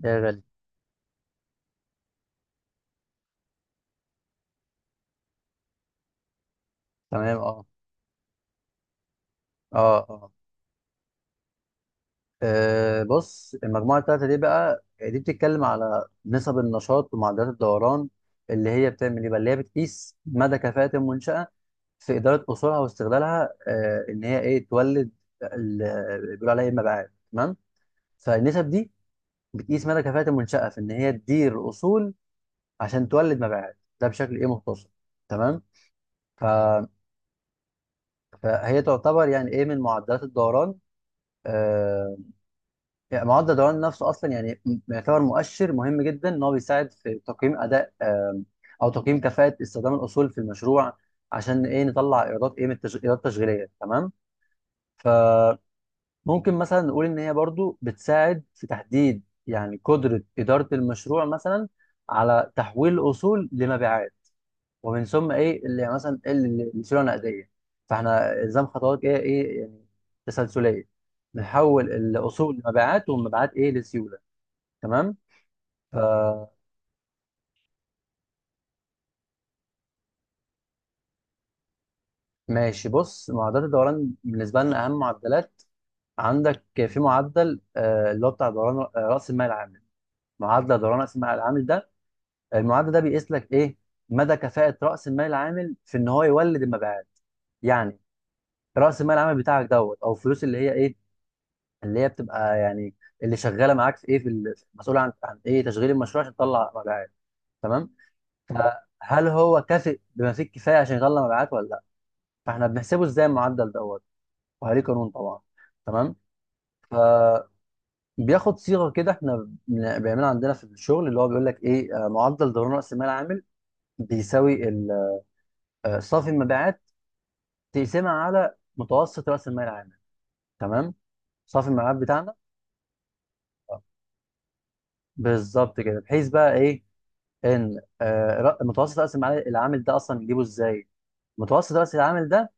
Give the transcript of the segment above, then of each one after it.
ده غالي. تمام. اه اه اه. بص المجموعة التالتة دي بقى دي بتتكلم على نسب النشاط ومعدلات الدوران، اللي هي بتعمل ايه بقى، اللي هي بتقيس مدى كفاءة المنشأة في إدارة أصولها واستغلالها، إن هي ايه تولد ال- بيقولوا عليها ايه المبيعات. تمام. فالنسب دي بتقيس مدى كفاءة المنشأة في إن هي تدير أصول عشان تولد مبيعات، ده بشكل ايه مختصر. تمام. ف... فهي تعتبر يعني ايه من معدلات الدوران. آه، يعني معدل الدوران النفسي اصلا يعني يعتبر مؤشر مهم جدا ان هو بيساعد في تقييم اداء، او تقييم كفاءه استخدام الاصول في المشروع، عشان ايه نطلع ايرادات ايه من ايرادات تشغيليه. تمام. فممكن مثلا نقول ان هي برضو بتساعد في تحديد يعني قدره اداره المشروع مثلا على تحويل الاصول لمبيعات، ومن ثم ايه اللي يعني مثلا إيه اللي السيوله النقديه. فاحنا الزام خطوات ايه ايه يعني تسلسليه، نحول الاصول لمبيعات والمبيعات ايه لسيوله. تمام. فماشي، بص معدلات الدوران بالنسبه لنا اهم معدلات، عندك في معدل اللي هو بتاع دوران راس المال العامل. معدل دوران راس المال العامل ده، المعدل ده بيقيس لك ايه مدى كفاءه راس المال العامل في ان هو يولد المبيعات. يعني راس المال العامل بتاعك دوت او الفلوس اللي هي ايه، اللي هي بتبقى يعني اللي شغاله معاك في ايه في مسؤوله عن ايه تشغيل المشروع عشان تطلع مبيعات. تمام. فهل هو كافئ بما فيه الكفايه عشان يطلع مبيعات ولا لا؟ فاحنا بنحسبه ازاي المعدل دوت؟ وعليه قانون طبعا. تمام. فبياخد صيغه كده احنا بيعملها عندنا في الشغل، اللي هو بيقول لك ايه: معدل ضرر راس المال العامل بيساوي صافي المبيعات تقسمها على متوسط راس المال العامل. تمام. صافي المبيعات بتاعنا. آه، بالظبط كده، بحيث بقى ايه ان متوسط راس المال العامل ده اصلا نجيبه ازاي؟ متوسط راس العامل ده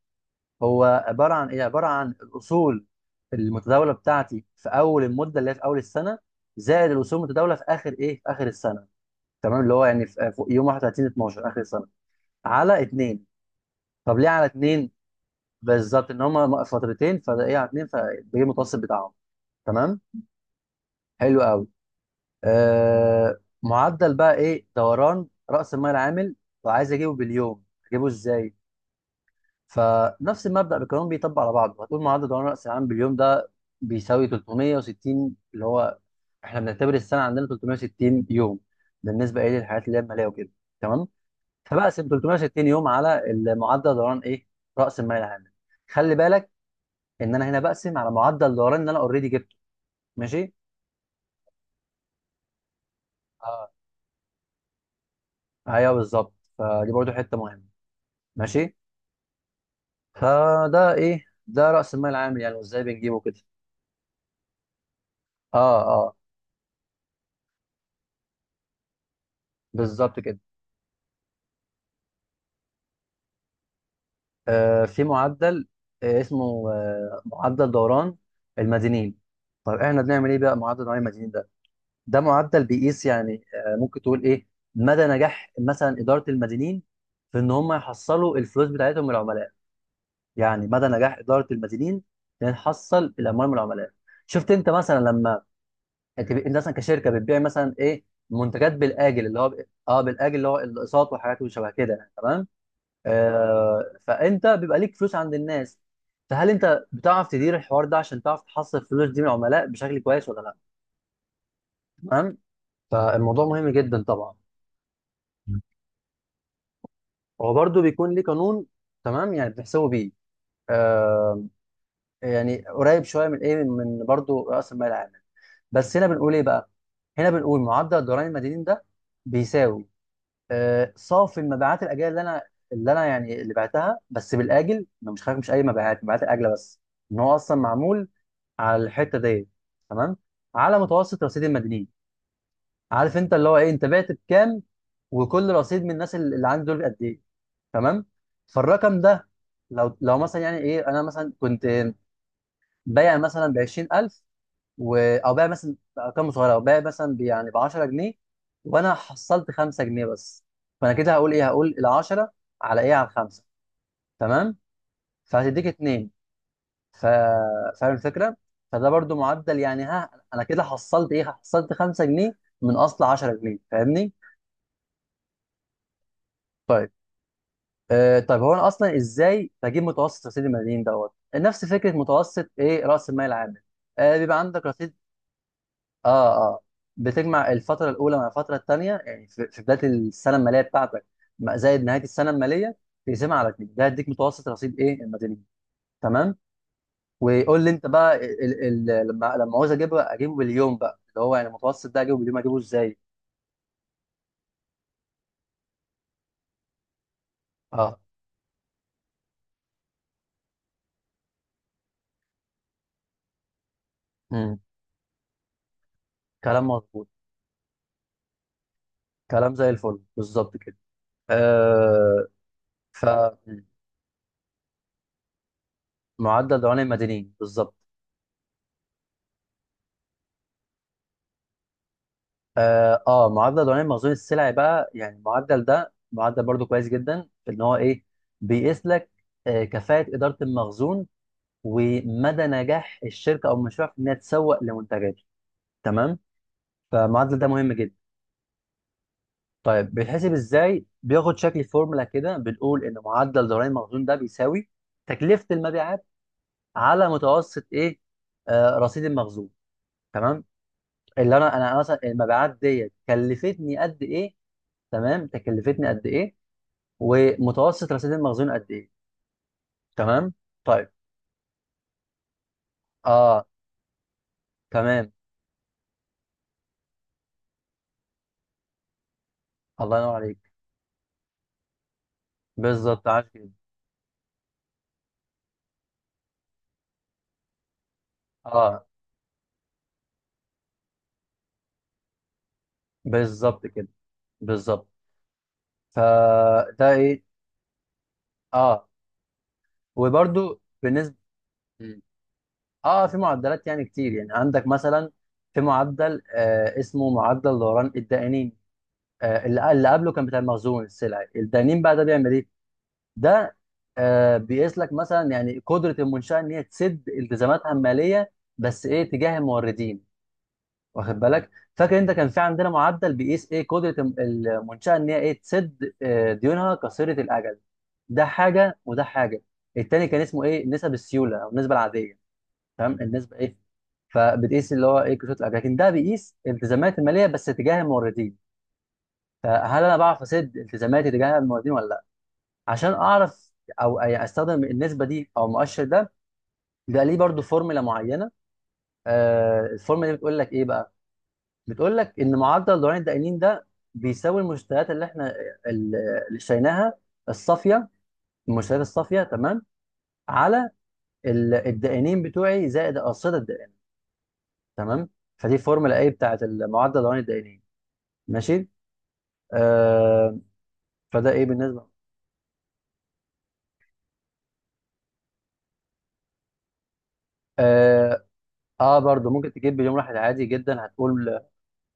هو عباره عن ايه، عباره عن الاصول المتداوله بتاعتي في اول المده اللي هي في اول السنه، زائد الاصول المتداوله في اخر ايه في اخر السنه. تمام، اللي هو يعني في يوم 31 12 اخر السنه، على اتنين. طب ليه على اتنين؟ بالظبط، ان هما فترتين فده ايه على اتنين فبيجي المتوسط بتاعهم. تمام. حلو قوي. معدل بقى ايه دوران راس المال العامل، وعايز اجيبه باليوم اجيبه ازاي؟ فنفس المبدأ بكلهم بيطبق على بعضه، هتقول معدل دوران رأس العام باليوم ده بيساوي 360، اللي هو احنا بنعتبر السنة عندنا 360 يوم بالنسبة ايه للحاجات اللي هي المالية وكده. تمام. فبقسم 360 يوم على المعدل دوران ايه رأس المال العام. خلي بالك ان انا هنا بقسم على معدل دوران ان انا اوريدي جبته. ماشي. اه، ايوه، بالظبط، فدي برضو حته مهمه. ماشي. فده ايه، ده راس المال العام يعني وازاي بنجيبه كده. اه اه، بالظبط كده. في معدل اسمه معدل دوران المدينين. طيب احنا بنعمل ايه بقى معدل دوران المدينين ده؟ ده معدل بيقيس يعني ممكن تقول ايه مدى نجاح مثلا اداره المدينين في ان هم يحصلوا الفلوس بتاعتهم من العملاء، يعني مدى نجاح اداره المدينين ان نحصل الاموال من العملاء. شفت انت مثلا لما انت مثلا كشركه بتبيع مثلا ايه منتجات بالاجل اللي هو اه بالاجل، اللي هو الاقساط وحاجات وشبه كده. تمام. فانت بيبقى ليك فلوس عند الناس، فهل انت بتعرف تدير الحوار ده عشان تعرف تحصل الفلوس دي من العملاء بشكل كويس ولا لا؟ تمام. فالموضوع مهم جدا طبعا. هو برضه بيكون ليه قانون. تمام، يعني بتحسبه بيه. آه يعني قريب شويه من ايه من برضه راس المال العامل، بس هنا بنقول ايه بقى، هنا بنقول معدل الضرائب المدنيين ده بيساوي صافي المبيعات الاجله، اللي انا يعني اللي بعتها بس بالاجل، انا مش خايف مش اي مبيعات، مبيعات الاجله بس ان هو اصلا معمول على الحته دي. تمام. على متوسط رصيد المدنيين، عارف انت اللي هو ايه انت بعت بكام وكل رصيد من الناس اللي عندي دول قد ايه. تمام. فالرقم ده، لو مثلا يعني ايه انا مثلا كنت بايع مثلا ب 20000، او بقى مثلا ارقام صغيره او بقى مثلا يعني ب 10 جنيه، وانا حصلت 5 جنيه بس. فانا كده هقول ايه، هقول ال 10 على ايه على الخمسه. تمام. فهتديك اتنين. ف... فاهم الفكره. فده برضو معدل، يعني ها انا كده حصلت ايه، حصلت 5 جنيه من اصل 10 جنيه، فاهمني؟ طيب. طيب هو انا اصلا ازاي بجيب متوسط رصيد المدين دوت؟ نفس فكره متوسط ايه راس المال العامل. بيبقى عندك رصيد. اه اه، بتجمع الفترة الأولى مع الفترة التانية، يعني في بداية السنة المالية بتاعتك زائد نهاية السنة المالية، تقسمها على اتنين، ده هيديك متوسط رصيد إيه المدنيين. تمام. ويقول لي أنت بقى ال، ال، لما عاوز أجيبه أجيبه باليوم بقى، اللي هو يعني المتوسط ده أجيبه باليوم أجيبه إزاي. اه. امم. كلام مظبوط. كلام زي الفل بالظبط كده. آه ف مم. معدل دوران المدنيين بالظبط. اه، معدل دوران مخزون السلع بقى، يعني المعدل ده معدل برضو كويس جدا في ان هو ايه بيقيس لك كفاءة إدارة المخزون، ومدى نجاح الشركة او المشروع في انها تسوق لمنتجاته. تمام. فالمعدل ده مهم جدا. طيب بيتحسب ازاي؟ بياخد شكل فورمولا كده، بنقول ان معدل دوران المخزون ده بيساوي تكلفة المبيعات على متوسط ايه رصيد المخزون. تمام. اللي انا انا مثلا المبيعات ديت كلفتني قد ايه. تمام. تكلفتني قد ايه، ومتوسط الاسيد المخزون قد ايه. تمام. طيب اه تمام. الله ينور عليك، بالظبط عاش جدا. اه بالظبط كده، بالظبط. فده ايه. اه. وبرده بالنسبه. مم. اه في معدلات يعني كتير، يعني عندك مثلا في معدل اسمه معدل دوران الدائنين. اللي قبله كان بتاع المخزون السلعي، الدائنين بقى ده بيعمل ايه؟ ده بيقيس لك مثلا يعني قدره المنشاه ان هي تسد التزاماتها الماليه، بس ايه تجاه الموردين، واخد بالك. فاكر انت كان في عندنا معدل بيقيس ايه قدره المنشاه ان هي ايه تسد ديونها قصيره الاجل. ده حاجه وده حاجه. التاني كان اسمه ايه نسب السيوله او النسبه العاديه. تمام، النسبه ايه. فبتقيس اللي هو ايه قصيره الاجل، لكن ده بيقيس التزامات الماليه بس تجاه الموردين. فهل انا بعرف اسد التزاماتي تجاه الموردين ولا لا؟ عشان اعرف، او استخدم النسبه دي او المؤشر ده، بيبقى ليه برضو فورمولا معينه. الفورمولا دي بتقول لك ايه بقى، بتقول لك ان معدل دوران الدقيقين ده بيساوي المستويات اللي احنا ال- اللي اشتريناها الصافيه، المستويات الصافيه. تمام. على الدقيقين بتوعي زائد اقصده الدقيقين. تمام. فدي فورمولا ايه بتاعت معدل دوران الدقيقين. ماشي. آه. فده ايه بالنسبه. اه، برضو ممكن تجيب باليوم واحد عادي جدا، هتقول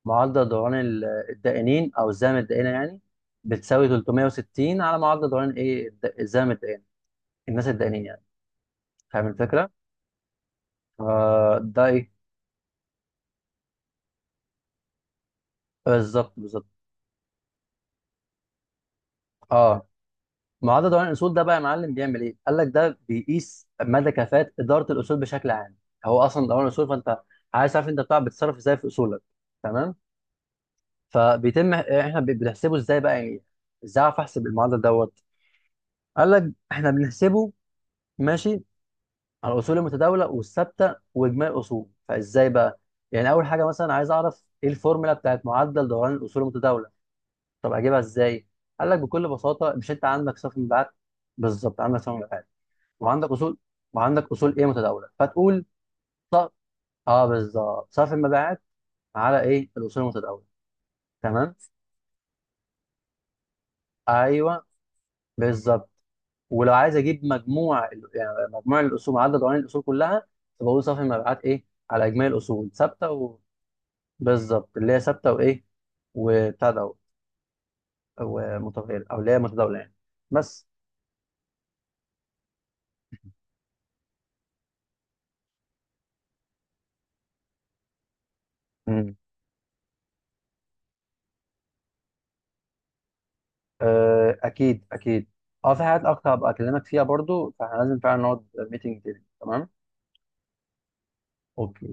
معدل دوران الدقيقين او زام الدقيقه يعني بتساوي 360 على معدل دوران ايه زام الدقيقه، الناس الدقيقين يعني. فاهم الفكره. ده ايه. بالظبط بالظبط. اه، معدل دوران الاصول ده بقى يا معلم بيعمل ايه، قال لك ده بيقيس مدى كفاءه اداره الاصول بشكل عام. هو اصلا دوران الاصول، فانت عايز تعرف انت بتاع بتتصرف ازاي في اصولك. تمام. فبيتم احنا بنحسبه ازاي بقى يعني، ازاي اعرف احسب المعدل دوت؟ قال لك احنا بنحسبه، ماشي، على الاصول المتداوله والثابته واجمالي الاصول. فازاي بقى يعني، اول حاجه مثلا عايز اعرف ايه الفورمولا بتاعت معدل دوران الاصول المتداوله، طب اجيبها ازاي؟ قال لك بكل بساطه، مش انت عندك صف مبيعات، بالظبط عندك صف مبيعات، وعندك اصول، وعندك اصول ايه متداوله، فتقول اه بالظبط صف المبيعات على ايه الاصول المتداوله. تمام، ايوه، بالظبط. ولو عايز اجيب مجموع يعني مجموع الاصول عدد عناصر الاصول كلها، فبقول صف المبيعات ايه على اجمالي الاصول ثابته بالظبط، اللي هي ثابته وايه وبتاع ده ومتغير، او اللي هي متداوله يعني. بس. اكيد اكيد. اه، في حاجات اكتر هبقى اكلمك فيها برضو، فاحنا لازم فعلا نقعد ميتنج تاني. تمام. اوكي.